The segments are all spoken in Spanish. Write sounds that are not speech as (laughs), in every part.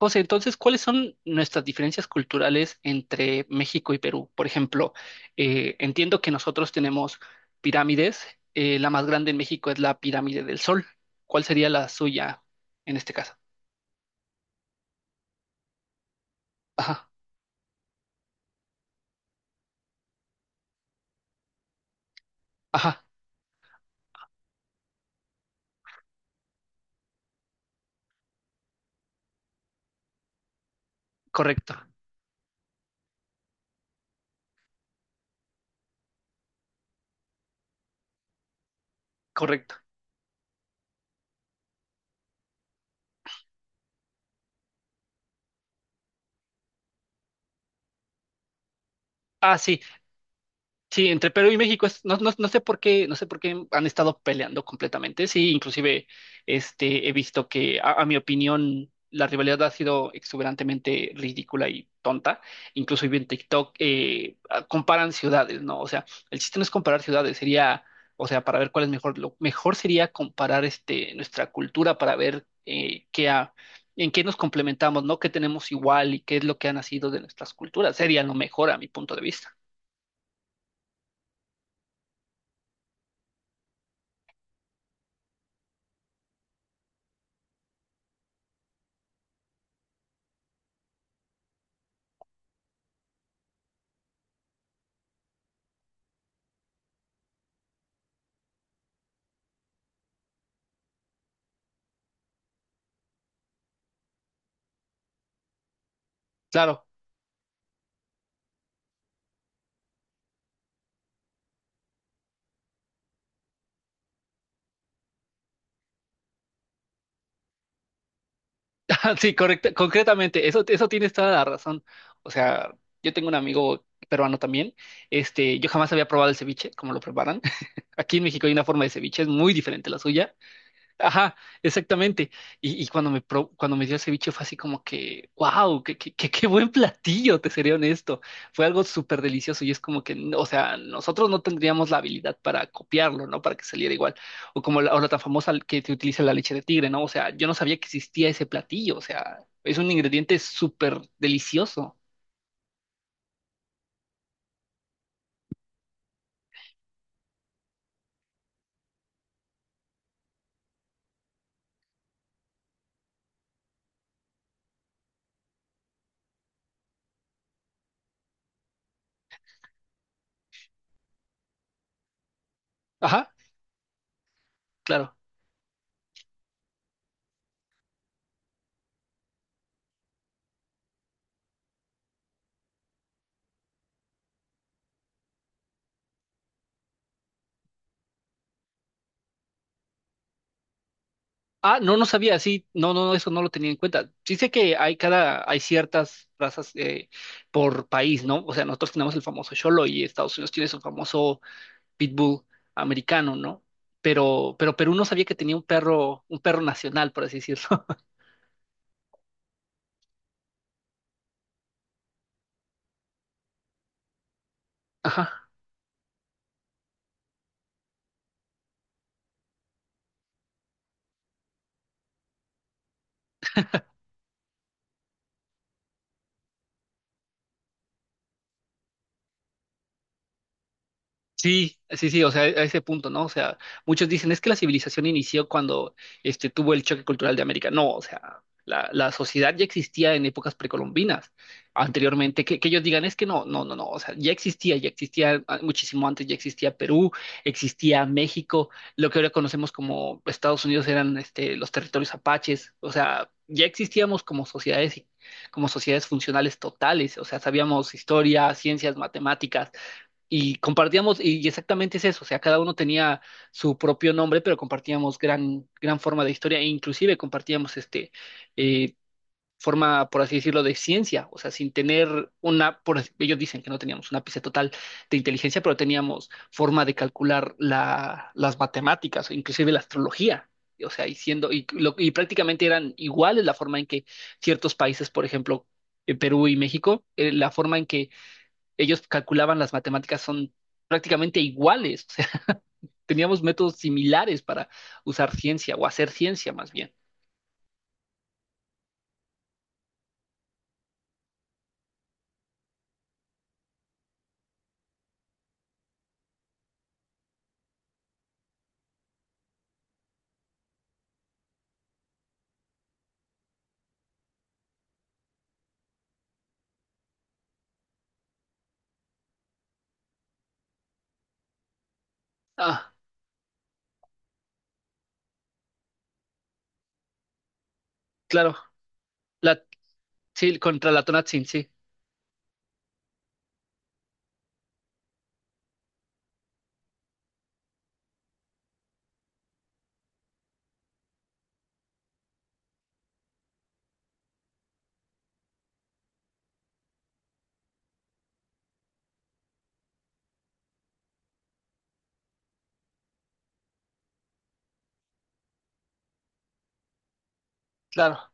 José, entonces, ¿cuáles son nuestras diferencias culturales entre México y Perú? Por ejemplo, entiendo que nosotros tenemos pirámides. La más grande en México es la pirámide del Sol. ¿Cuál sería la suya en este caso? Ajá, ajá, correcto, correcto. Ah, sí. Sí, entre Perú y México no, no, no sé por qué han estado peleando completamente. Sí, inclusive he visto que a mi opinión la rivalidad ha sido exuberantemente ridícula y tonta. Incluso vi en TikTok comparan ciudades, ¿no? O sea, el chiste no es comparar ciudades, sería, o sea, para ver cuál es mejor, lo mejor sería comparar nuestra cultura para ver en qué nos complementamos, ¿no? ¿Qué tenemos igual y qué es lo que ha nacido de nuestras culturas? Sería lo mejor a mi punto de vista. Claro. (laughs) Sí, correcta, concretamente, eso tienes toda la razón. O sea, yo tengo un amigo peruano también. Yo jamás había probado el ceviche, como lo preparan. (laughs) Aquí en México hay una forma de ceviche, es muy diferente a la suya. Ajá, exactamente. Y cuando cuando me dio el ceviche fue así como que, wow, qué buen platillo, te seré honesto. Fue algo súper delicioso y es como que, o sea, nosotros no tendríamos la habilidad para copiarlo, ¿no? Para que saliera igual. O como la tan famosa que te utiliza la leche de tigre, ¿no? O sea, yo no sabía que existía ese platillo, o sea, es un ingrediente súper delicioso. Ajá, claro. Ah, no, no sabía, sí, no, no, no, eso no lo tenía en cuenta. Sí sé que hay ciertas razas por país, ¿no? O sea, nosotros tenemos el famoso Xolo y Estados Unidos tiene su famoso Pitbull americano, ¿no? Pero Perú no sabía que tenía un perro nacional, por así decirlo. (laughs) Ajá. Sí, sí, sí, o sea, a ese punto, ¿no? O sea, muchos dicen, es que la civilización inició cuando tuvo el choque cultural de América. No, o sea, la sociedad ya existía en épocas precolombinas, anteriormente, que ellos digan, es que no, no, no, no, o sea, ya existía muchísimo antes, ya existía Perú, existía México, lo que ahora conocemos como Estados Unidos eran los territorios apaches, o sea, ya existíamos como sociedades, funcionales totales, o sea, sabíamos historia, ciencias, matemáticas y compartíamos, y exactamente es eso, o sea, cada uno tenía su propio nombre, pero compartíamos gran forma de historia, e inclusive compartíamos eh, forma, por así decirlo, de ciencia, o sea, sin tener una, ellos dicen que no teníamos un ápice total de inteligencia, pero teníamos forma de calcular las matemáticas, o inclusive la astrología. O sea, y siendo, y prácticamente eran iguales la forma en que ciertos países, por ejemplo, Perú y México, la forma en que ellos calculaban las matemáticas son prácticamente iguales. O sea, (laughs) teníamos métodos similares para usar ciencia o hacer ciencia más bien. Ah, claro. La, sí, contra la Tonatzin, sí, claro.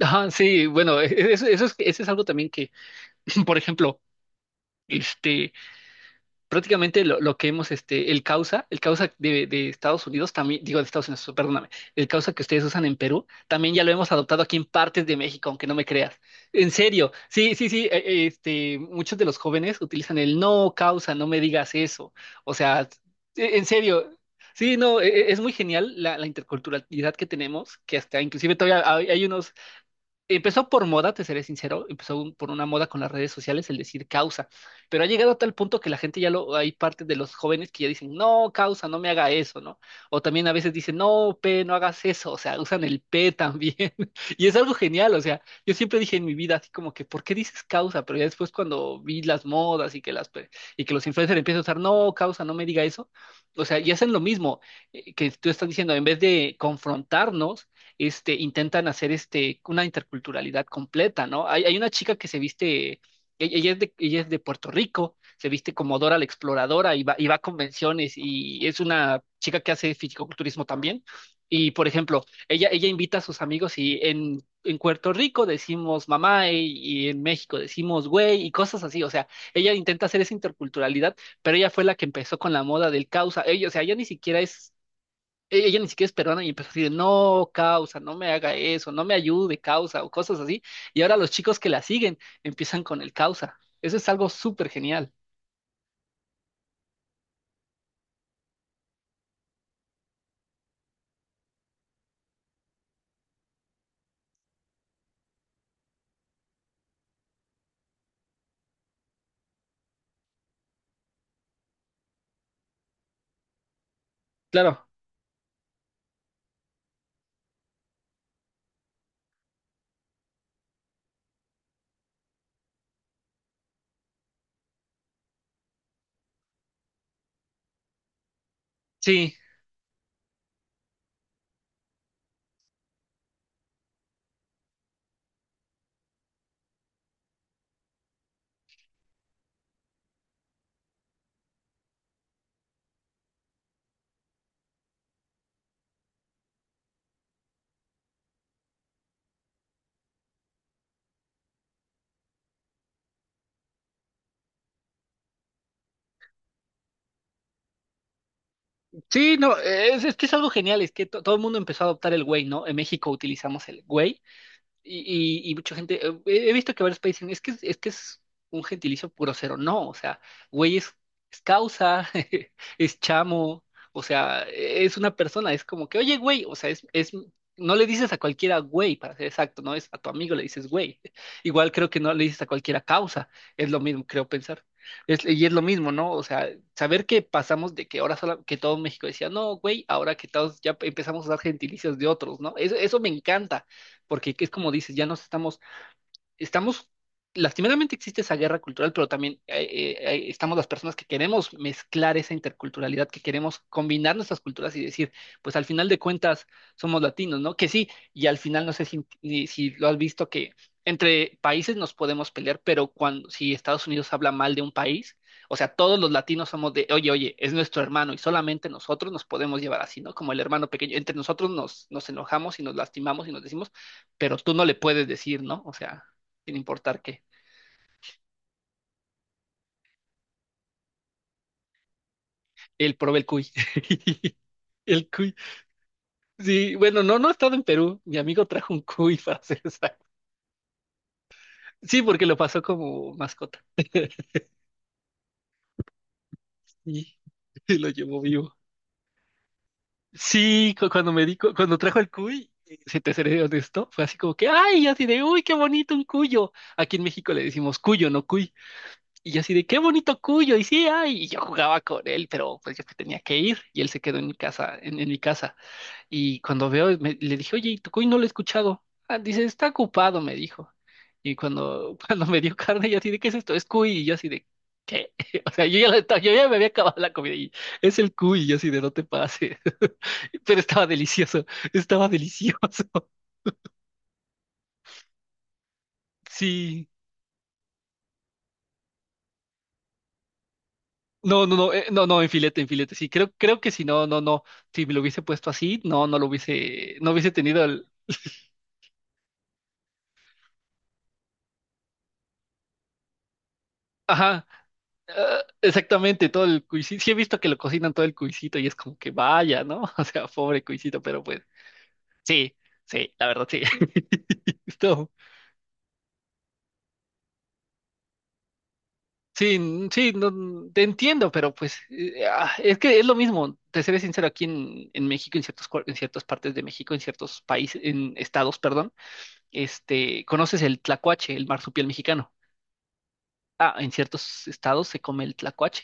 Ajá, sí, bueno, (laughs) eso es algo también que, (clears throat) (laughs) por ejemplo, este, prácticamente lo que hemos, el causa de Estados Unidos, también, digo de Estados Unidos, perdóname, el causa que ustedes usan en Perú, también ya lo hemos adoptado aquí en partes de México, aunque no me creas. En serio, sí, sí, sí, muchos de los jóvenes utilizan el no causa, no me digas eso. O sea, en serio. Sí, no, es muy genial la interculturalidad que tenemos, que hasta inclusive todavía hay unos. Empezó por moda, te seré sincero, empezó por una moda con las redes sociales, el decir causa, pero ha llegado a tal punto que la gente hay parte de los jóvenes que ya dicen, no, causa, no me haga eso, ¿no? O también a veces dicen, no, P, no hagas eso, o sea, usan el P también, (laughs) y es algo genial, o sea, yo siempre dije en mi vida, así como que, ¿por qué dices causa? Pero ya después cuando vi las modas y que y que los influencers empiezan a usar, no, causa, no me diga eso, o sea, y hacen lo mismo que tú estás diciendo, en vez de confrontarnos, intentan hacer una interculturalidad completa, ¿no? Hay una chica que se viste, ella es de Puerto Rico, se viste como Dora la Exploradora y va, a convenciones y es una chica que hace fisicoculturismo también. Y, por ejemplo, ella invita a sus amigos y en Puerto Rico decimos mamá y en México decimos güey y cosas así. O sea, ella intenta hacer esa interculturalidad, pero ella fue la que empezó con la moda del causa. Ella, o sea, ella ni siquiera ella ni siquiera es peruana y empezó a decir no, causa, no me haga eso, no me ayude, causa, o cosas así. Y ahora los chicos que la siguen empiezan con el causa. Eso es algo súper genial. Claro, sí, sí, no, es que es algo genial, es que todo el mundo empezó a adoptar el güey, ¿no? En México utilizamos el güey. Y mucha gente, he visto que varios países dicen, es que es un gentilicio puro cero. No, o sea, güey es causa, (laughs) es chamo, o sea, es una persona, es como que, oye, güey, o sea, no le dices a cualquiera güey, para ser exacto, no es a tu amigo le dices güey. (laughs) Igual creo que no le dices a cualquiera causa, es lo mismo, creo pensar. Y es lo mismo, ¿no? O sea, saber que pasamos de que ahora solo, que todo México decía, no, güey, ahora que todos ya empezamos a usar gentilicios de otros, ¿no? Eso me encanta porque es como dices, ya nos estamos estamos, lastimeramente existe esa guerra cultural, pero también estamos las personas que queremos mezclar esa interculturalidad, que queremos combinar nuestras culturas y decir, pues al final de cuentas somos latinos, ¿no? Que sí, y al final no sé si, si lo has visto que entre países nos podemos pelear, pero cuando si Estados Unidos habla mal de un país, o sea, todos los latinos somos de, oye, oye, es nuestro hermano y solamente nosotros nos podemos llevar así, ¿no? Como el hermano pequeño, entre nosotros nos enojamos y nos lastimamos y nos decimos, pero tú no le puedes decir, ¿no? O sea sin importar qué. Él probé el cuy. (laughs) El cuy. Sí, bueno, no, no he estado en Perú. Mi amigo trajo un cuy (laughs) para hacer esa. Sí, porque lo pasó como mascota. Y (laughs) y lo llevó vivo. Sí, cu- cuando me di, cu- cuando trajo el cuy, si te seré honesto, fue así como que, ay, y así de, uy, qué bonito un cuyo. Aquí en México le decimos cuyo, no cuy. Y yo así de, qué bonito cuyo. Y sí, ay, y yo jugaba con él, pero pues yo que tenía que ir. Y él se quedó en mi casa, en mi casa. Y cuando veo, le dije, oye, ¿y tu cuy no lo he escuchado? Ah, dice, está ocupado, me dijo. Y cuando, (laughs) cuando me dio carne, yo así de, ¿qué es esto? Es cuy. Y yo así de, ¿qué? (laughs) O sea, yo ya me había acabado la comida y es el cuy. Y yo así de, no te pases. (laughs) Pero estaba delicioso, estaba delicioso. (laughs) Sí. No, no, no, no, no, en filete, en filete. Sí, creo que si no, no, no. Si me lo hubiese puesto así, no, no hubiese tenido el. Ajá. Ah, exactamente, todo el cuisito. Sí he visto que lo cocinan todo el cuisito y es como que vaya, ¿no? (laughs) O sea, pobre cuisito, pero pues sí, sí, la verdad sí. (laughs) No, sí, sí, no, te entiendo, pero pues es que es lo mismo, te seré sincero, aquí en México, en ciertas partes de México, en ciertos países, en estados, perdón, conoces el tlacuache, el marsupial mexicano. Ah, en ciertos estados se come el tlacuache.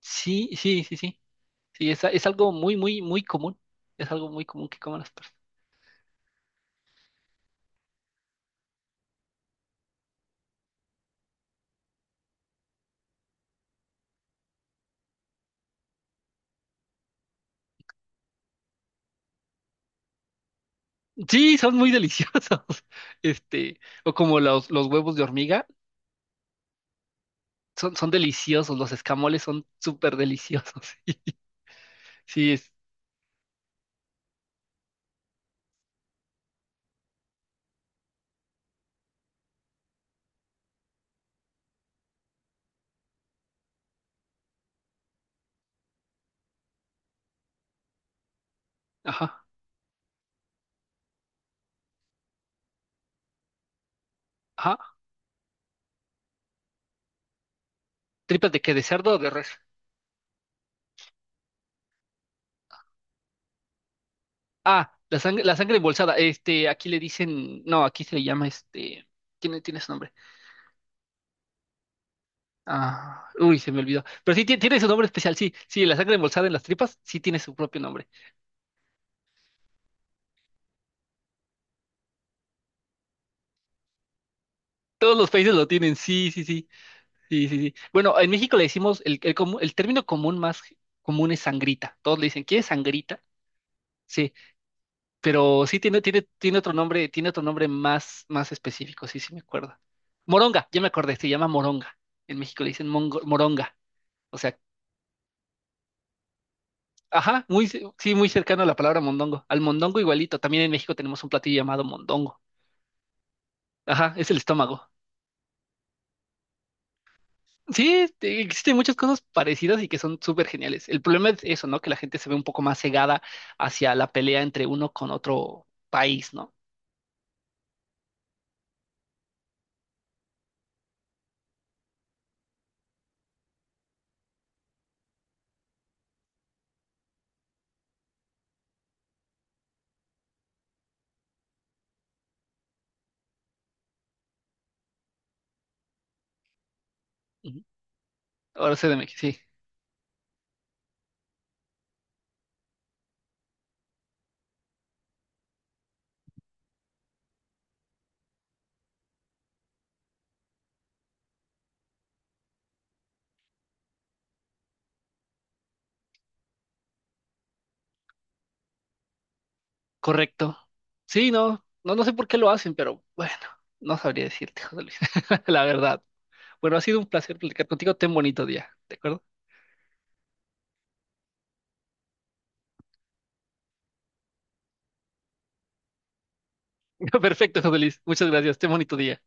Sí, sí, sí, sí. Sí, es algo muy, muy, muy común. Es algo muy común que coman las personas. Sí, son muy deliciosos. (laughs) O como los huevos de hormiga, son deliciosos. Los escamoles son súper deliciosos. (laughs) Sí, es. Ajá, ajá. ¿Tripas de qué? ¿De cerdo o de res? Ah, la sangre embolsada. Aquí le dicen. No, aquí se le llama. Tiene su nombre. Ah, uy, se me olvidó. Pero sí, tiene su nombre especial, sí. Sí, la sangre embolsada en las tripas, sí tiene su propio nombre. Todos los países lo tienen, sí, sí, sí. Sí, sí, sí. Bueno, en México le decimos, el término común más común es sangrita. Todos le dicen, ¿quieres sangrita? Sí, pero sí tiene otro nombre, más, específico, sí, sí me acuerdo. Moronga, ya me acordé, se llama moronga. En México le dicen moronga. O sea, ajá, sí, muy cercano a la palabra mondongo. Al mondongo igualito, también en México tenemos un platillo llamado mondongo. Ajá, es el estómago. Sí, existen muchas cosas parecidas y que son súper geniales. El problema es eso, ¿no? Que la gente se ve un poco más cegada hacia la pelea entre uno con otro país, ¿no? Ujú. Ahora sé de México, sí, correcto. Sí, no, no, no sé por qué lo hacen, pero bueno, no sabría decirte, José Luis, (laughs) la verdad. Bueno, ha sido un placer platicar contigo. Ten bonito día, ¿de acuerdo? (laughs) Perfecto, José Luis. Muchas gracias. Ten bonito día.